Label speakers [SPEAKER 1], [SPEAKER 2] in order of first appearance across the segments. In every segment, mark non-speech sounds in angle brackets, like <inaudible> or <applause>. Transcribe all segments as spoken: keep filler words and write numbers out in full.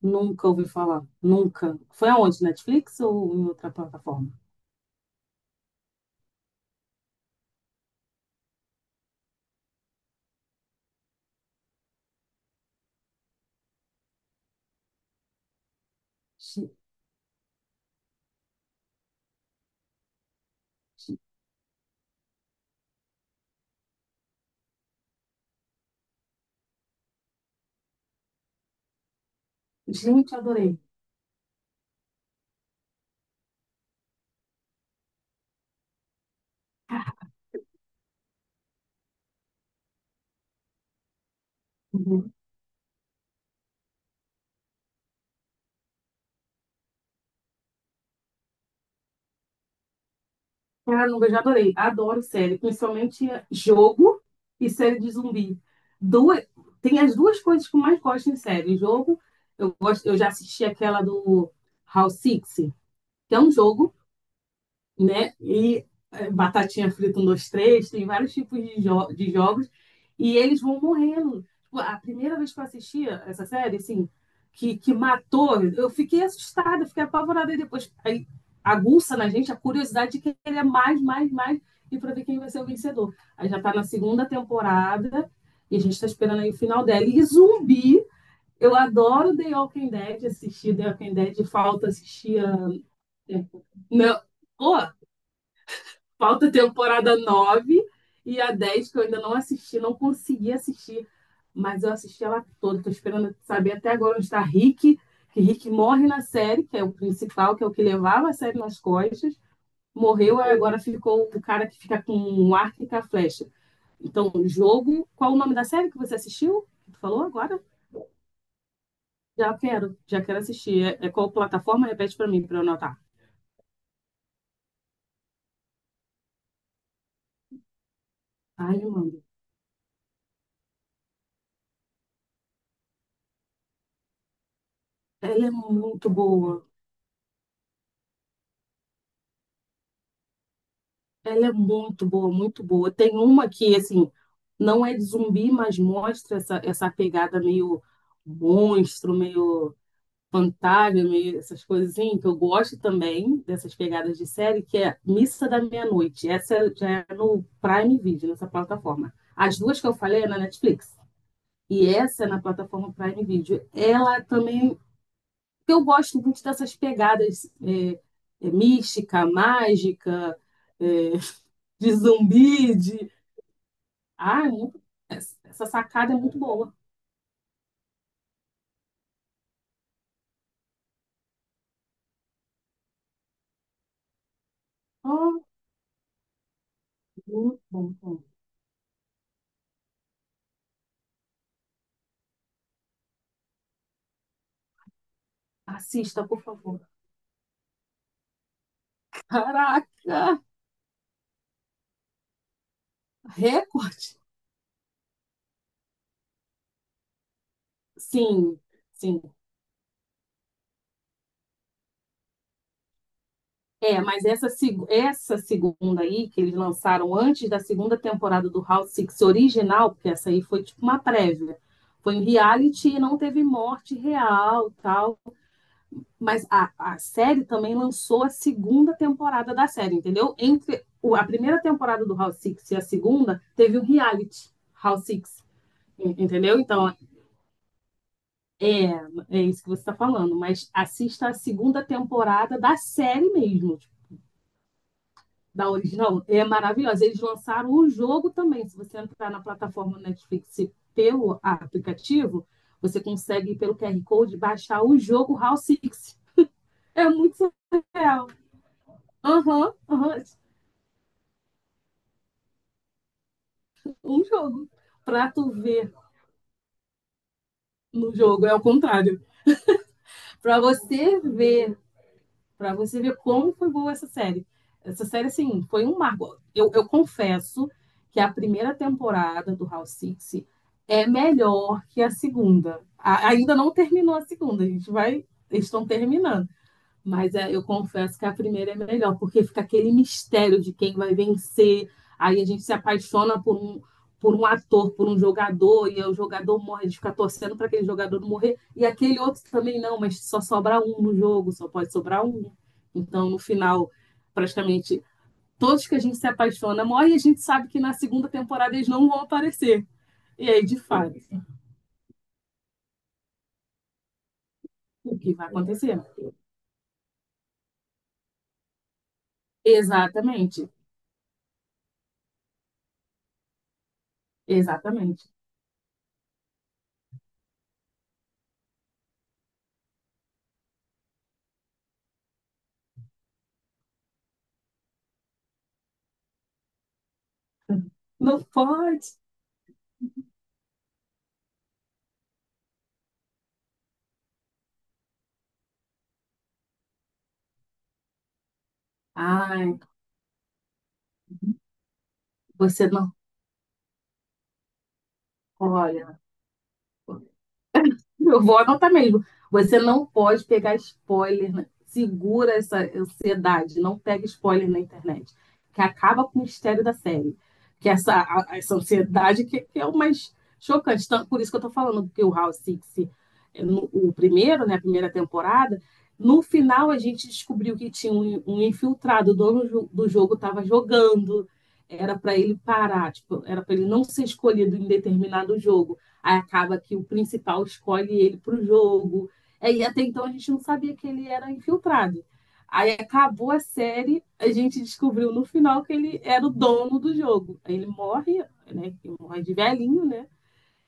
[SPEAKER 1] Nunca ouvi falar. Nunca. Foi aonde? Netflix ou em outra plataforma? Ge- ge- Gente, adorei. Uhum. Cara, não vejo, adorei. Adoro série, principalmente jogo e série de zumbi. Duas, tem as duas coisas que eu mais gosto em série. Jogo, eu gosto, eu já assisti aquela do House Six, que é um jogo, né? E é, batatinha frita, um, dois, três, tem vários tipos de, jo de jogos, e eles vão morrendo. Tipo, a primeira vez que eu assistia essa série, assim, que, que matou, eu fiquei assustada, fiquei apavorada, e depois aí, aguça na gente a curiosidade de que ele é mais, mais, mais, e para ver quem vai ser o vencedor. Aí já está na segunda temporada, e a gente está esperando aí o final dela. E zumbi, eu adoro The Walking Dead, assistir The Walking Dead, falta assistir a. Não, oh, falta a temporada nove e a dez que eu ainda não assisti, não consegui assistir. Mas eu assisti ela toda. Tô esperando saber até agora onde está Rick. Que Rick morre na série, que é o principal, que é o que levava a série nas costas. Morreu e agora ficou o cara que fica com o arco e com a flecha. Então, o jogo. Qual o nome da série que você assistiu? Tu falou agora? Já quero, já quero assistir. É, é qual plataforma? Repete para mim, para eu anotar. Ai, mano. Ela é muito boa. Ela é muito boa, muito boa. Tem uma que, assim, não é de zumbi, mas mostra essa, essa pegada meio monstro, meio fantasma, meio essas coisinhas, que eu gosto também dessas pegadas de série, que é Missa da Meia-Noite. Essa já é no Prime Video, nessa plataforma. As duas que eu falei é na Netflix. E essa é na plataforma Prime Video. Ela também. Eu gosto muito dessas pegadas é, é, mística, mágica é, de zumbi, de. Ah, é muito, essa sacada é muito boa. Oh, muito bom, muito bom. Assista, por favor. Caraca! Recorde! Sim, sim. É, mas essa, seg- essa segunda aí, que eles lançaram antes da segunda temporada do House Six original, porque essa aí foi tipo uma prévia. Foi em reality e não teve morte real, tal. Mas a, a série também lançou a segunda temporada da série, entendeu? Entre o- a primeira temporada do House Six e a segunda, teve o reality House Six, entendeu? Então, é, é isso que você está falando. Mas assista a segunda temporada da série mesmo, tipo, da original. É maravilhosa. Eles lançaram o jogo também. Se você entrar na plataforma Netflix pelo aplicativo, você consegue, pelo Q R Code, baixar o jogo House Six. É muito surreal. Aham, uhum, aham. Uhum. Um jogo. Pra tu ver no jogo, é o contrário. Pra você ver, pra você ver como foi boa essa série. Essa série, assim, foi um marco. Eu, eu confesso que a primeira temporada do House Six é melhor que a segunda. A- ainda não terminou a segunda, a gente vai. Eles estão terminando. Mas é, eu confesso que a primeira é melhor, porque fica aquele mistério de quem vai vencer. Aí a gente se apaixona por um, por um, ator, por um jogador, e o jogador morre, a gente fica torcendo para aquele jogador não morrer, e aquele outro também não, mas só sobra um no jogo, só pode sobrar um. Então, no final, praticamente todos que a gente se apaixona morrem, e a gente sabe que na segunda temporada eles não vão aparecer. E aí, de fato, o que vai acontecer? Exatamente, exatamente. Não pode. Ai, você não. Olha, eu vou anotar mesmo. Você não pode pegar spoiler, né? Segura essa ansiedade, não pega spoiler na internet, que acaba com o mistério da série. Que essa, a- essa ansiedade que, que é o mais chocante. Então, por isso que eu estou falando que o House Six, eh, no- o primeiro, né, a primeira temporada, no final a gente descobriu que tinha um, um infiltrado, o dono do jogo estava jogando, era para ele parar, tipo, era para ele não ser escolhido em determinado jogo. Aí acaba que o principal escolhe ele para o jogo. É, e até então a gente não sabia que ele era infiltrado. Aí acabou a série, a gente descobriu no final que ele era o dono do jogo. Ele morre, né? Ele morre de velhinho, né?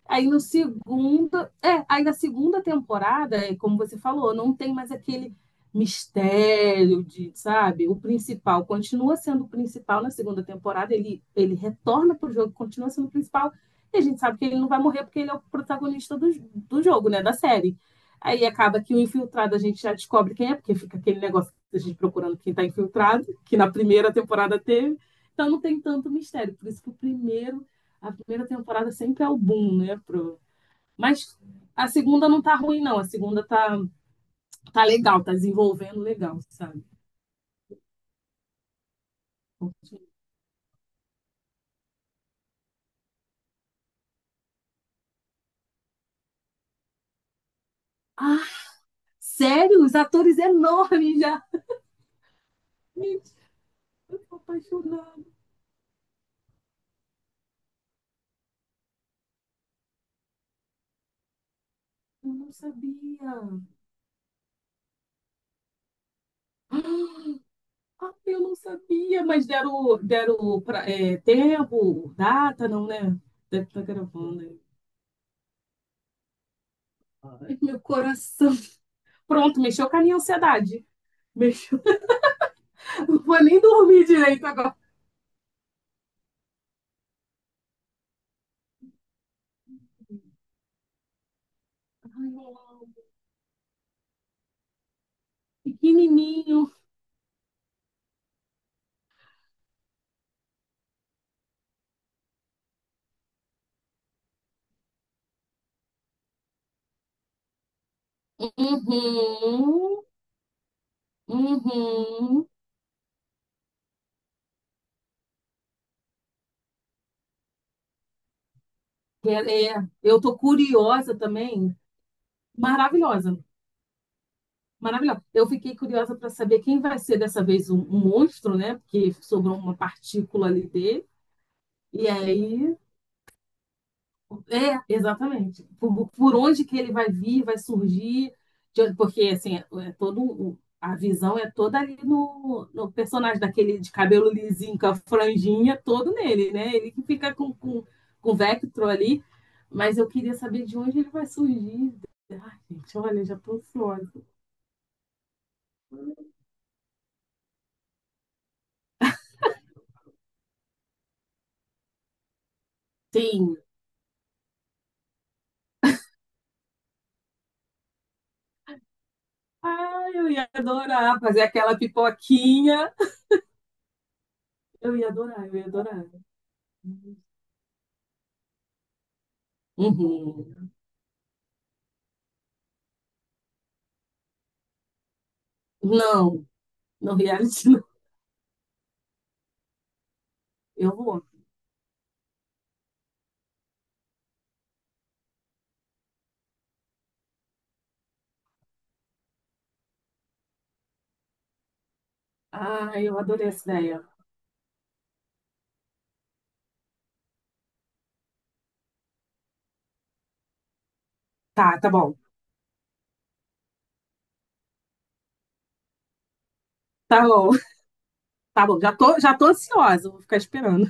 [SPEAKER 1] Aí no segunda, é, Aí na segunda temporada, é, como você falou, não tem mais aquele mistério de, sabe, o principal continua sendo o principal na segunda temporada, ele ele retorna pro jogo, continua sendo o principal, e a gente sabe que ele não vai morrer porque ele é o protagonista do, do jogo, né, da série. Aí acaba que o infiltrado a gente já descobre quem é, porque fica aquele negócio da gente procurando quem está infiltrado, que na primeira temporada teve. Então não tem tanto mistério, por isso que o primeiro a primeira temporada sempre é o boom, né? Pro. Mas a segunda não tá ruim, não. A segunda tá, tá, legal, tá desenvolvendo legal, sabe? Ah, sério? Os atores enormes já. Gente, eu tô apaixonada. Eu não sabia. Ah, eu não sabia, mas deram, deram pra, é, tempo, data, não, né? Deve estar gravando aí. Ai, meu coração. Pronto, mexeu com a minha ansiedade. Mexeu. Não vou nem dormir direito agora. Ai, pequenininho. Uhum, uhum. É, é, eu tô curiosa também. Maravilhosa. Maravilhosa. Eu fiquei curiosa para saber quem vai ser dessa vez um, um monstro, né? Porque sobrou uma partícula ali dele. E aí. É, exatamente. Por, por onde que ele vai vir, vai surgir, de- porque assim, é é todo o- a visão é toda ali no, no personagem daquele de cabelo lisinho, com a franjinha, todo nele, né? Ele que fica com, com, com, o Vectro ali, mas eu queria saber de onde ele vai surgir. Ai, gente, olha, já tô ansiosa. Sim. Ai, eu ia adorar fazer aquela pipoquinha. Eu ia adorar, eu ia adorar. Uhum. Não, não reality <laughs> não. Eu vou. Ah, eu adorei essa ideia. Tá, tá bom. Tá bom. <laughs> Tá bom. Já tô, já tô ansiosa, vou ficar esperando.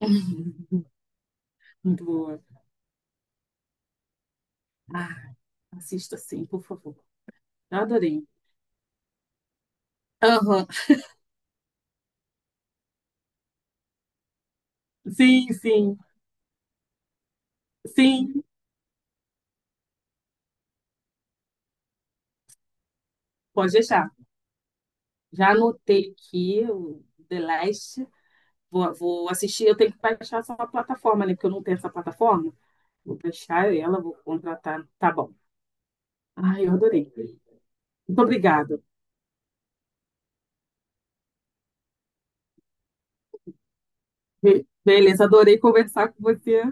[SPEAKER 1] <laughs> Muito boa. Ah, assista sim, por favor. Eu adorei. Aham. Sim, sim. Sim, pode deixar. Já anotei aqui o The Last. Vou, vou assistir. Eu tenho que baixar essa plataforma, né? Porque eu não tenho essa plataforma. Vou baixar ela, vou contratar. Tá bom. Ai, eu adorei. Muito obrigada. Be- Beleza, adorei conversar com você.